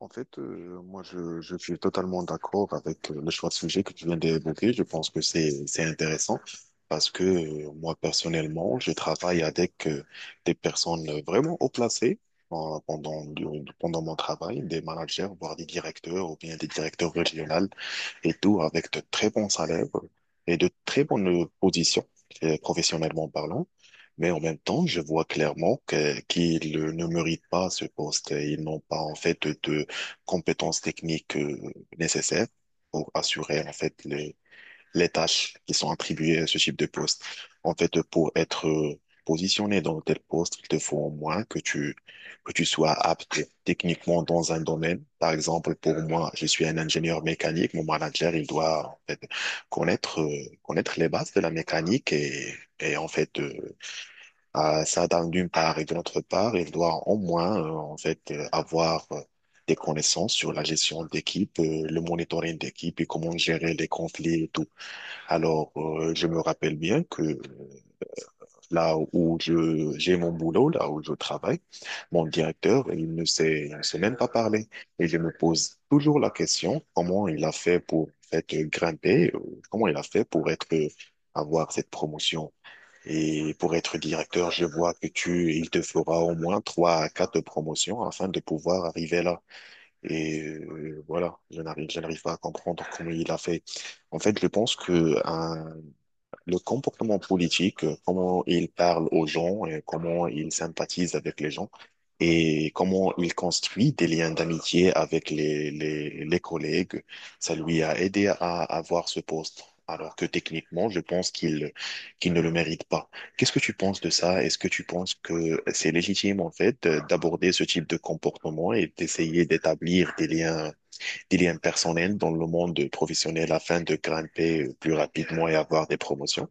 En fait, moi, je suis totalement d'accord avec le choix de sujet que tu viens d'évoquer. Je pense que c'est intéressant parce que moi, personnellement, je travaille avec des personnes vraiment haut placées euh, pendant, pendant mon travail, des managers, voire des directeurs ou bien des directeurs régionaux et tout avec de très bons salaires et de très bonnes positions, professionnellement parlant. Mais en même temps, je vois clairement qu'ils ne méritent pas ce poste. Ils n'ont pas, en fait, de compétences techniques, nécessaires pour assurer, en fait, les tâches qui sont attribuées à ce type de poste. En fait, pour être positionné dans tel poste, il te faut au moins que tu sois apte techniquement dans un domaine. Par exemple, pour moi, je suis un ingénieur mécanique. Mon manager, il doit en fait, connaître, connaître les bases de la mécanique et en fait, à ça d'une part et de l'autre part, il doit au moins en fait, avoir des connaissances sur la gestion d'équipe, le monitoring d'équipe et comment gérer les conflits et tout. Alors, je me rappelle bien que là où je j'ai mon boulot, là où je travaille, mon directeur, il ne sait même pas parler. Et je me pose toujours la question, comment il a fait pour être grimper, comment il a fait pour être avoir cette promotion. Et pour être directeur, je vois il te fera au moins trois à quatre promotions afin de pouvoir arriver là. Et voilà, je n'arrive pas à comprendre comment il a fait. En fait, je pense que le comportement politique, comment il parle aux gens, et comment il sympathise avec les gens et comment il construit des liens d'amitié avec les collègues. Ça lui a aidé à avoir ce poste, alors que techniquement, je pense qu'il ne le mérite pas. Qu'est-ce que tu penses de ça? Est-ce que tu penses que c'est légitime, en fait, d'aborder ce type de comportement et d'essayer d'établir des liens personnels dans le monde professionnel afin de grimper plus rapidement et avoir des promotions?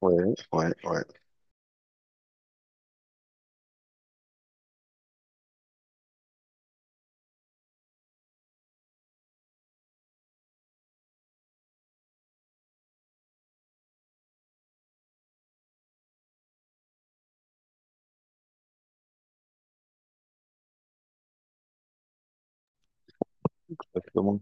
Ouais, ouais, ouais. Exactement.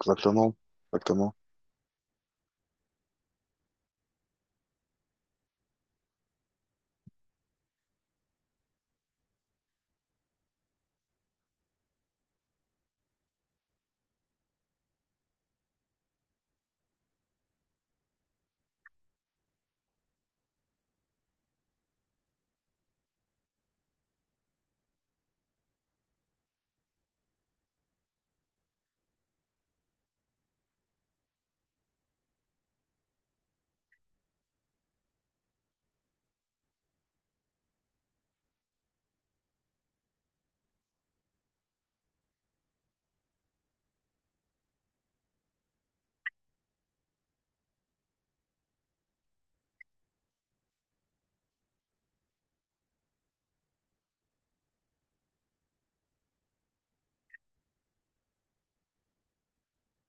Exactement. Exactement.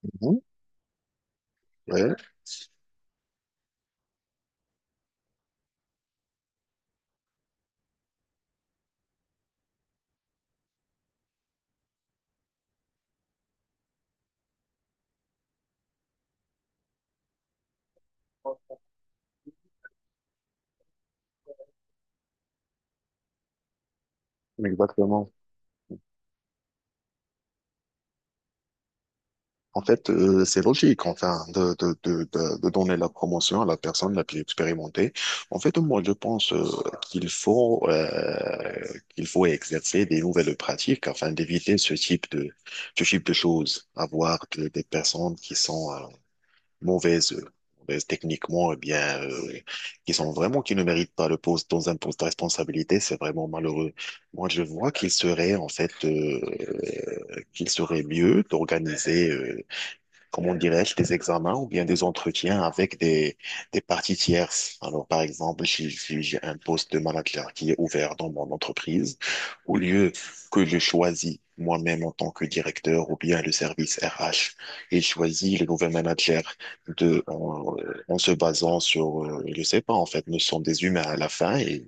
Mhm. Ouais, exactement. En fait, c'est logique, enfin, de donner la promotion à la personne la plus expérimentée. En fait, moi, je pense qu'il faut euh, qu'il faut exercer des nouvelles pratiques afin d'éviter ce type de choses, avoir des personnes qui sont mauvaises, mauvaises techniquement, eh bien, qui sont vraiment qui ne méritent pas le poste dans un poste de responsabilité, c'est vraiment malheureux. Moi, je vois qu'il serait en fait qu'il serait mieux d'organiser. Comment dirais-je, des examens ou bien des entretiens avec des parties tierces. Alors, par exemple, si j'ai un poste de manager qui est ouvert dans mon entreprise, au lieu que je choisis moi-même en tant que directeur ou bien le service RH, et je choisis le nouvel manager de, en, en se basant sur, je sais pas, en fait, nous sommes des humains à la fin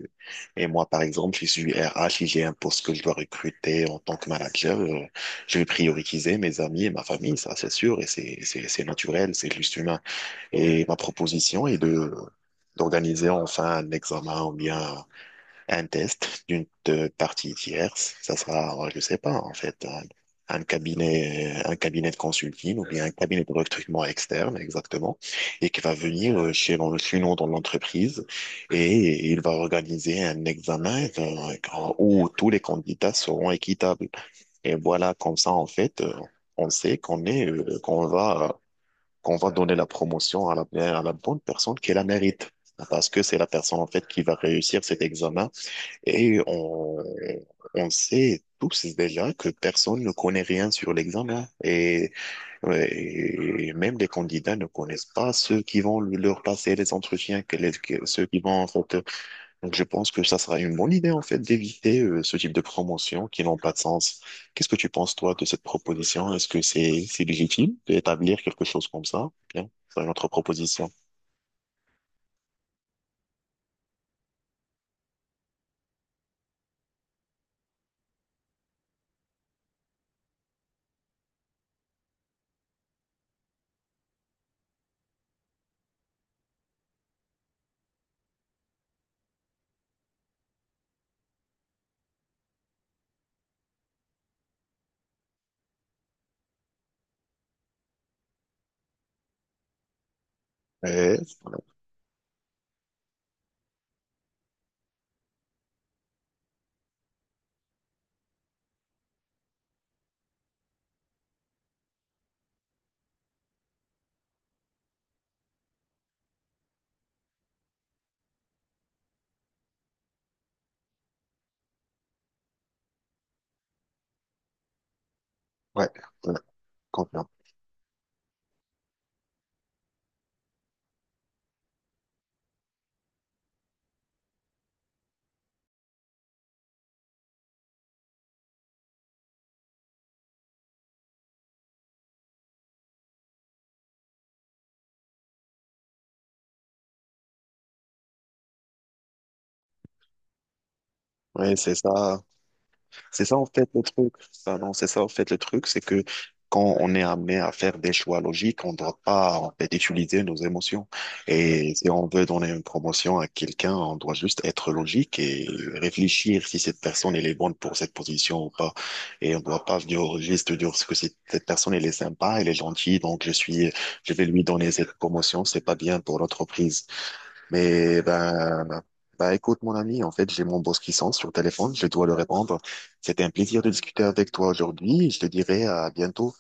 et moi, par exemple, si je suis RH et j'ai un poste que je dois recruter en tant que manager. Je vais prioriser mes amis et ma famille, ça c'est sûr, et c'est naturel, c'est juste humain. Et ma proposition est de d'organiser enfin un examen ou bien un test d'une partie tierce. Ça sera, je sais pas, en fait, un cabinet de consulting ou bien un cabinet de recrutement externe, exactement, et qui va venir chez nous dans l'entreprise et il va organiser un examen où tous les candidats seront équitables. Et voilà, comme ça, en fait, on sait qu'on va donner la promotion à à la bonne personne qui la mérite. Parce que c'est la personne, en fait, qui va réussir cet examen. Et on sait tous déjà que personne ne connaît rien sur l'examen. Et même les candidats ne connaissent pas ceux qui vont leur passer les entretiens, ceux qui vont, en fait, donc je pense que ça sera une bonne idée en fait d'éviter ce type de promotion qui n'ont pas de sens. Qu'est-ce que tu penses toi de cette proposition? Est-ce que c'est légitime d'établir quelque chose comme ça? Bien, c'est une autre proposition. Ouais, ouais, ouais, ouais, confirme. Ouais, c'est ça. C'est ça en fait le truc. Ça, non, c'est ça en fait le truc, c'est que quand on est amené à faire des choix logiques, on ne doit pas en fait utiliser nos émotions. Et si on veut donner une promotion à quelqu'un, on doit juste être logique et réfléchir si cette personne elle est bonne pour cette position ou pas. Et on ne doit pas venir au registre de dire que cette personne elle est sympa, elle est gentille, je vais lui donner cette promotion. C'est pas bien pour l'entreprise. Mais ben, bah écoute mon ami, en fait j'ai mon boss qui sonne sur le téléphone, je dois le répondre. C'était un plaisir de discuter avec toi aujourd'hui. Je te dirai à bientôt.